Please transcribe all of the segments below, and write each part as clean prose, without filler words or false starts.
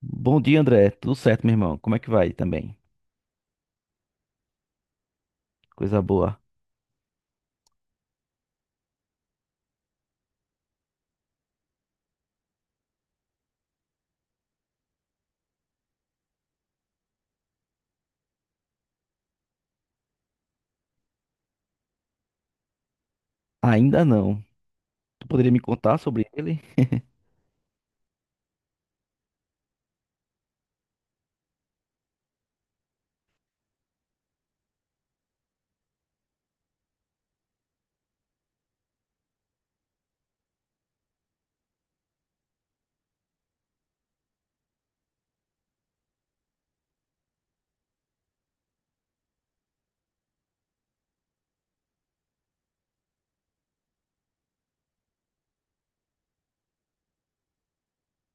Bom dia, André. Tudo certo, meu irmão? Como é que vai também? Coisa boa. Ainda não. Tu poderia me contar sobre ele?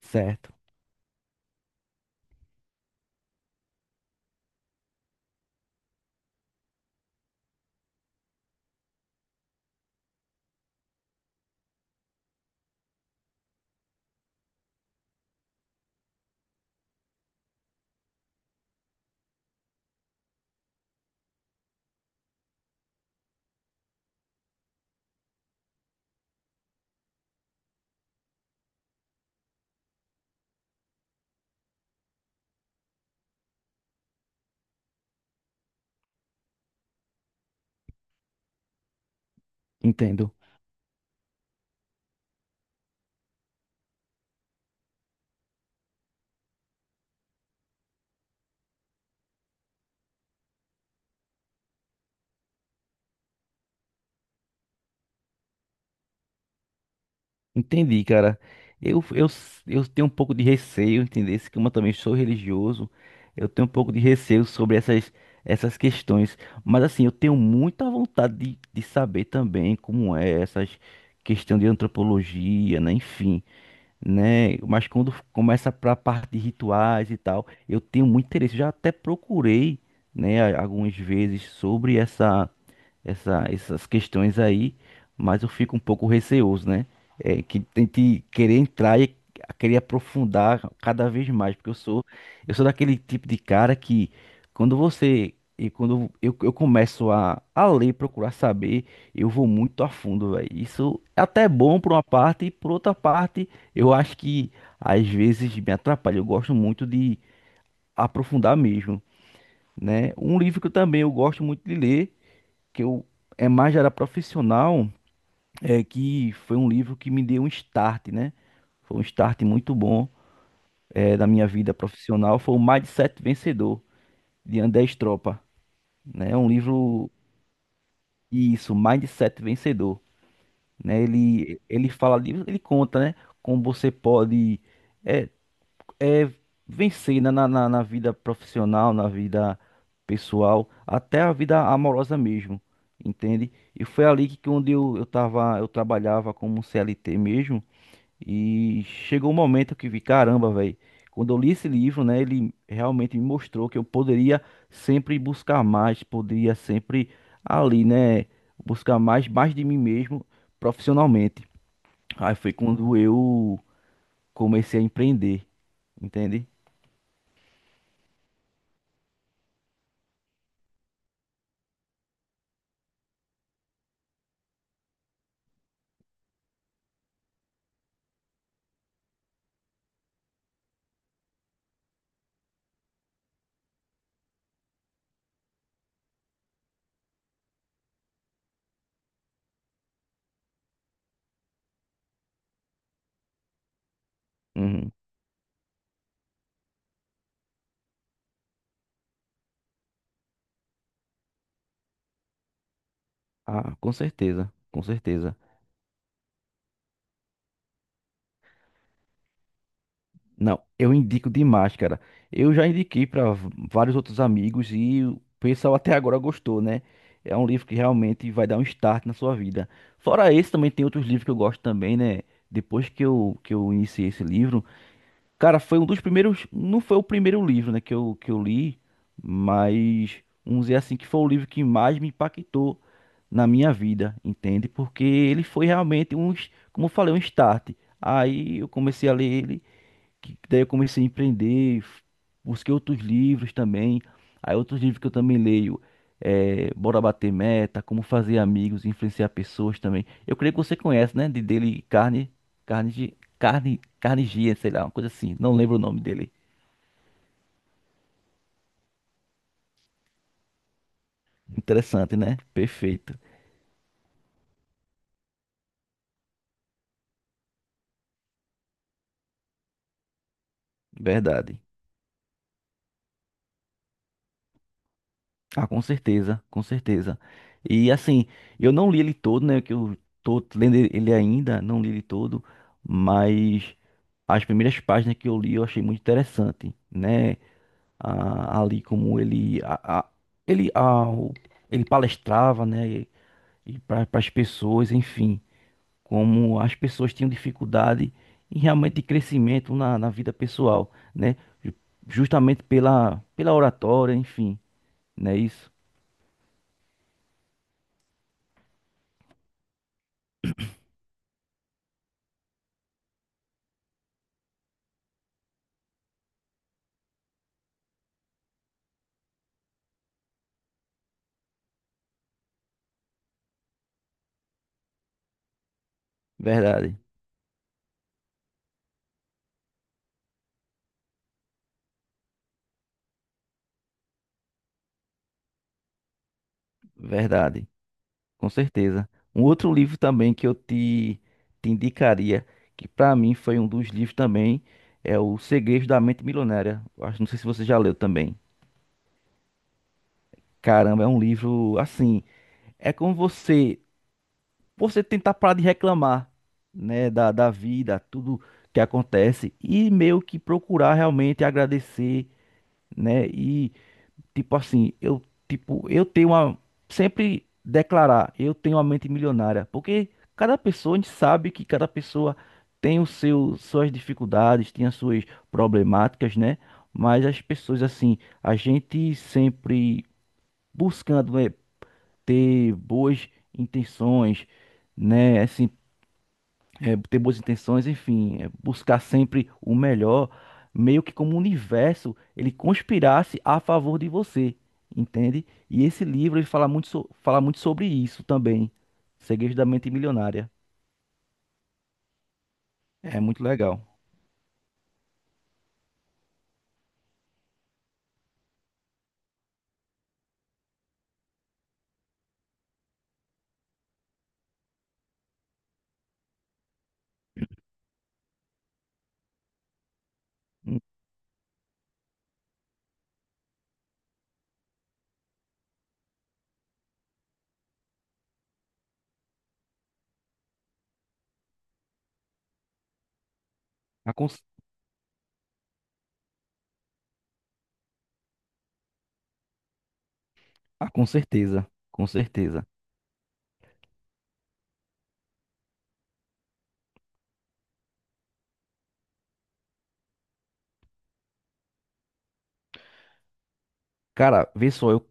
Certo. Entendo. Entendi, cara. Eu, eu, eu tenho um pouco de receio, entender se como eu também sou religioso, eu tenho um pouco de receio sobre essas questões. Mas assim, eu tenho muita vontade de saber também como é essas questão de antropologia, né? Enfim, né? Mas quando começa para a parte de rituais e tal, eu tenho muito interesse. Já até procurei, né, algumas vezes sobre essas questões aí, mas eu fico um pouco receoso, né? É, que tente querer entrar e querer aprofundar cada vez mais, porque eu sou daquele tipo de cara que quando você e quando eu começo a ler, procurar saber, eu vou muito a fundo, velho. Isso é até bom por uma parte, e por outra parte, eu acho que às vezes me atrapalha. Eu gosto muito de aprofundar mesmo, né? Um livro que eu também eu gosto muito de ler que eu é mais já era profissional, é que foi um livro que me deu um start, né? Foi um start muito bom, é, da minha vida profissional, foi o Mindset Vencedor, de André Estropa, né? É um livro, isso, Mindset Vencedor, né? Ele fala, ele conta, né? Como você pode, é, é, vencer, né, na vida profissional, na vida pessoal, até a vida amorosa mesmo, entende? E foi ali que onde eu tava, eu trabalhava como CLT mesmo, e chegou um momento que vi, caramba, velho, quando eu li esse livro, né, ele realmente me mostrou que eu poderia sempre buscar mais, poderia sempre ali, né, buscar mais, mais de mim mesmo profissionalmente. Aí foi quando eu comecei a empreender, entende? Uhum. Ah, com certeza, com certeza. Não, eu indico demais, cara. Eu já indiquei para vários outros amigos e o pessoal até agora gostou, né? É um livro que realmente vai dar um start na sua vida. Fora esse, também tem outros livros que eu gosto também, né? Depois que eu iniciei esse livro. Cara, foi um dos primeiros. Não foi o primeiro livro, né, que eu li, mas vamos dizer assim que foi o livro que mais me impactou na minha vida, entende? Porque ele foi realmente um, como eu falei, um start. Aí eu comecei a ler ele, que daí eu comecei a empreender, busquei outros livros também. Aí outros livros que eu também leio é Bora Bater Meta, Como Fazer Amigos, Influenciar Pessoas também. Eu creio que você conhece, né? De dele Carne, Carne, de Carne, Carnegie, sei lá, uma coisa assim. Não lembro o nome dele. Interessante, né? Perfeito. Verdade. Ah, com certeza, com certeza. E assim, eu não li ele todo, né? Que eu tô lendo ele ainda, não li ele todo, mas as primeiras páginas que eu li eu achei muito interessante, né? Ah, ali como ele, ele, ele palestrava, né? E para as pessoas, enfim, como as pessoas tinham dificuldade em realmente crescimento na vida pessoal, né? ju- Justamente pela oratória, enfim, não é isso? Verdade. Verdade, com certeza. Um outro livro também que eu te indicaria, que para mim foi um dos livros também, é O Segredo da Mente Milionária. Eu acho, não sei se você já leu também. Caramba, é um livro assim, é como você tentar parar de reclamar, né, da vida, tudo que acontece e meio que procurar realmente agradecer, né. Tipo assim, eu, tipo, eu tenho uma. Sempre declarar, eu tenho uma mente milionária. Porque cada pessoa, a gente sabe que cada pessoa tem o seu, suas dificuldades, tem as suas problemáticas, né? Mas as pessoas, assim, a gente sempre buscando, né, ter boas intenções, né? Assim, é, ter boas intenções, enfim, é, buscar sempre o melhor, meio que como o universo ele conspirasse a favor de você, entende? E esse livro ele fala muito, fala muito sobre isso também, Segredos da Mente Milionária. É muito legal. Hum, ah, com certeza, com certeza. Cara, vê só, eu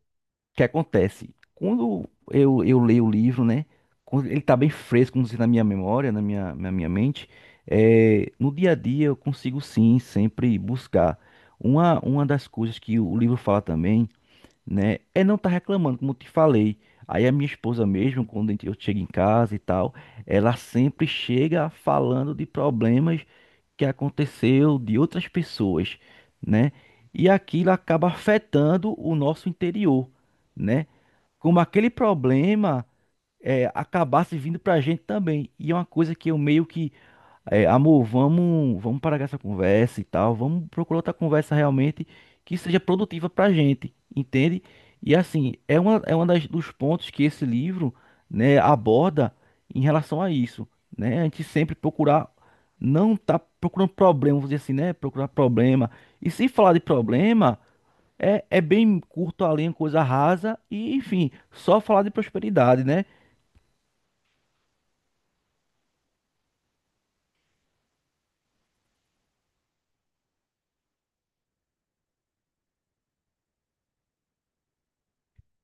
que acontece? Quando eu leio o livro, né? Quando ele tá bem fresco, como se na minha memória, na minha mente. É, no dia a dia, eu consigo sim sempre buscar. Uma das coisas que o livro fala também, né? É não tá reclamando, como eu te falei. Aí a minha esposa mesmo, quando eu chego em casa e tal, ela sempre chega falando de problemas que aconteceu de outras pessoas, né? E aquilo acaba afetando o nosso interior, né? Como aquele problema é, acabasse vindo pra gente também. E é uma coisa que eu meio que é, amor, vamos parar com essa conversa e tal. Vamos procurar outra conversa realmente que seja produtiva pra gente, entende? E assim, é uma das, dos pontos que esse livro, né, aborda em relação a isso, né? A gente sempre procurar, não tá procurando problema, vamos dizer assim, né? Procurar problema. E se falar de problema, é bem curto a linha, coisa rasa e, enfim, só falar de prosperidade, né?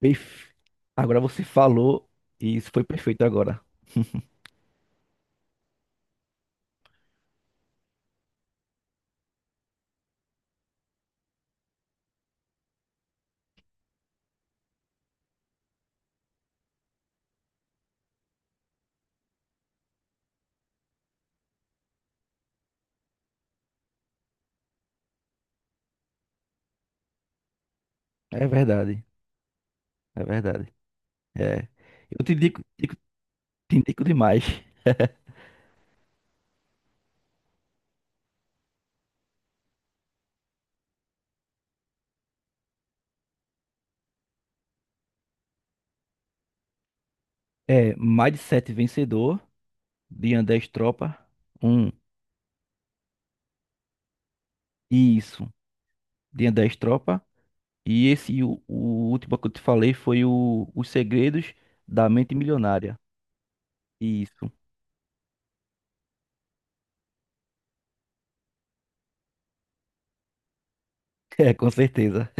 Perf- Agora você falou, e isso foi perfeito agora. É verdade, é verdade. É. Eu te indico, te indico demais. É Mindset Vencedor, de André Tropa. Um. Isso, de André Tropa. E esse, o último que eu te falei, foi o Os Segredos da Mente Milionária. Isso. É, com certeza.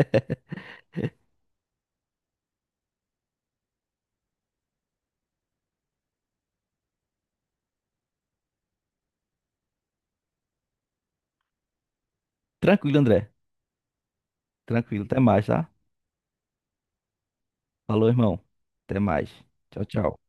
Tranquilo, André. Tranquilo. Até mais, tá? Falou, irmão. Até mais. Tchau, tchau.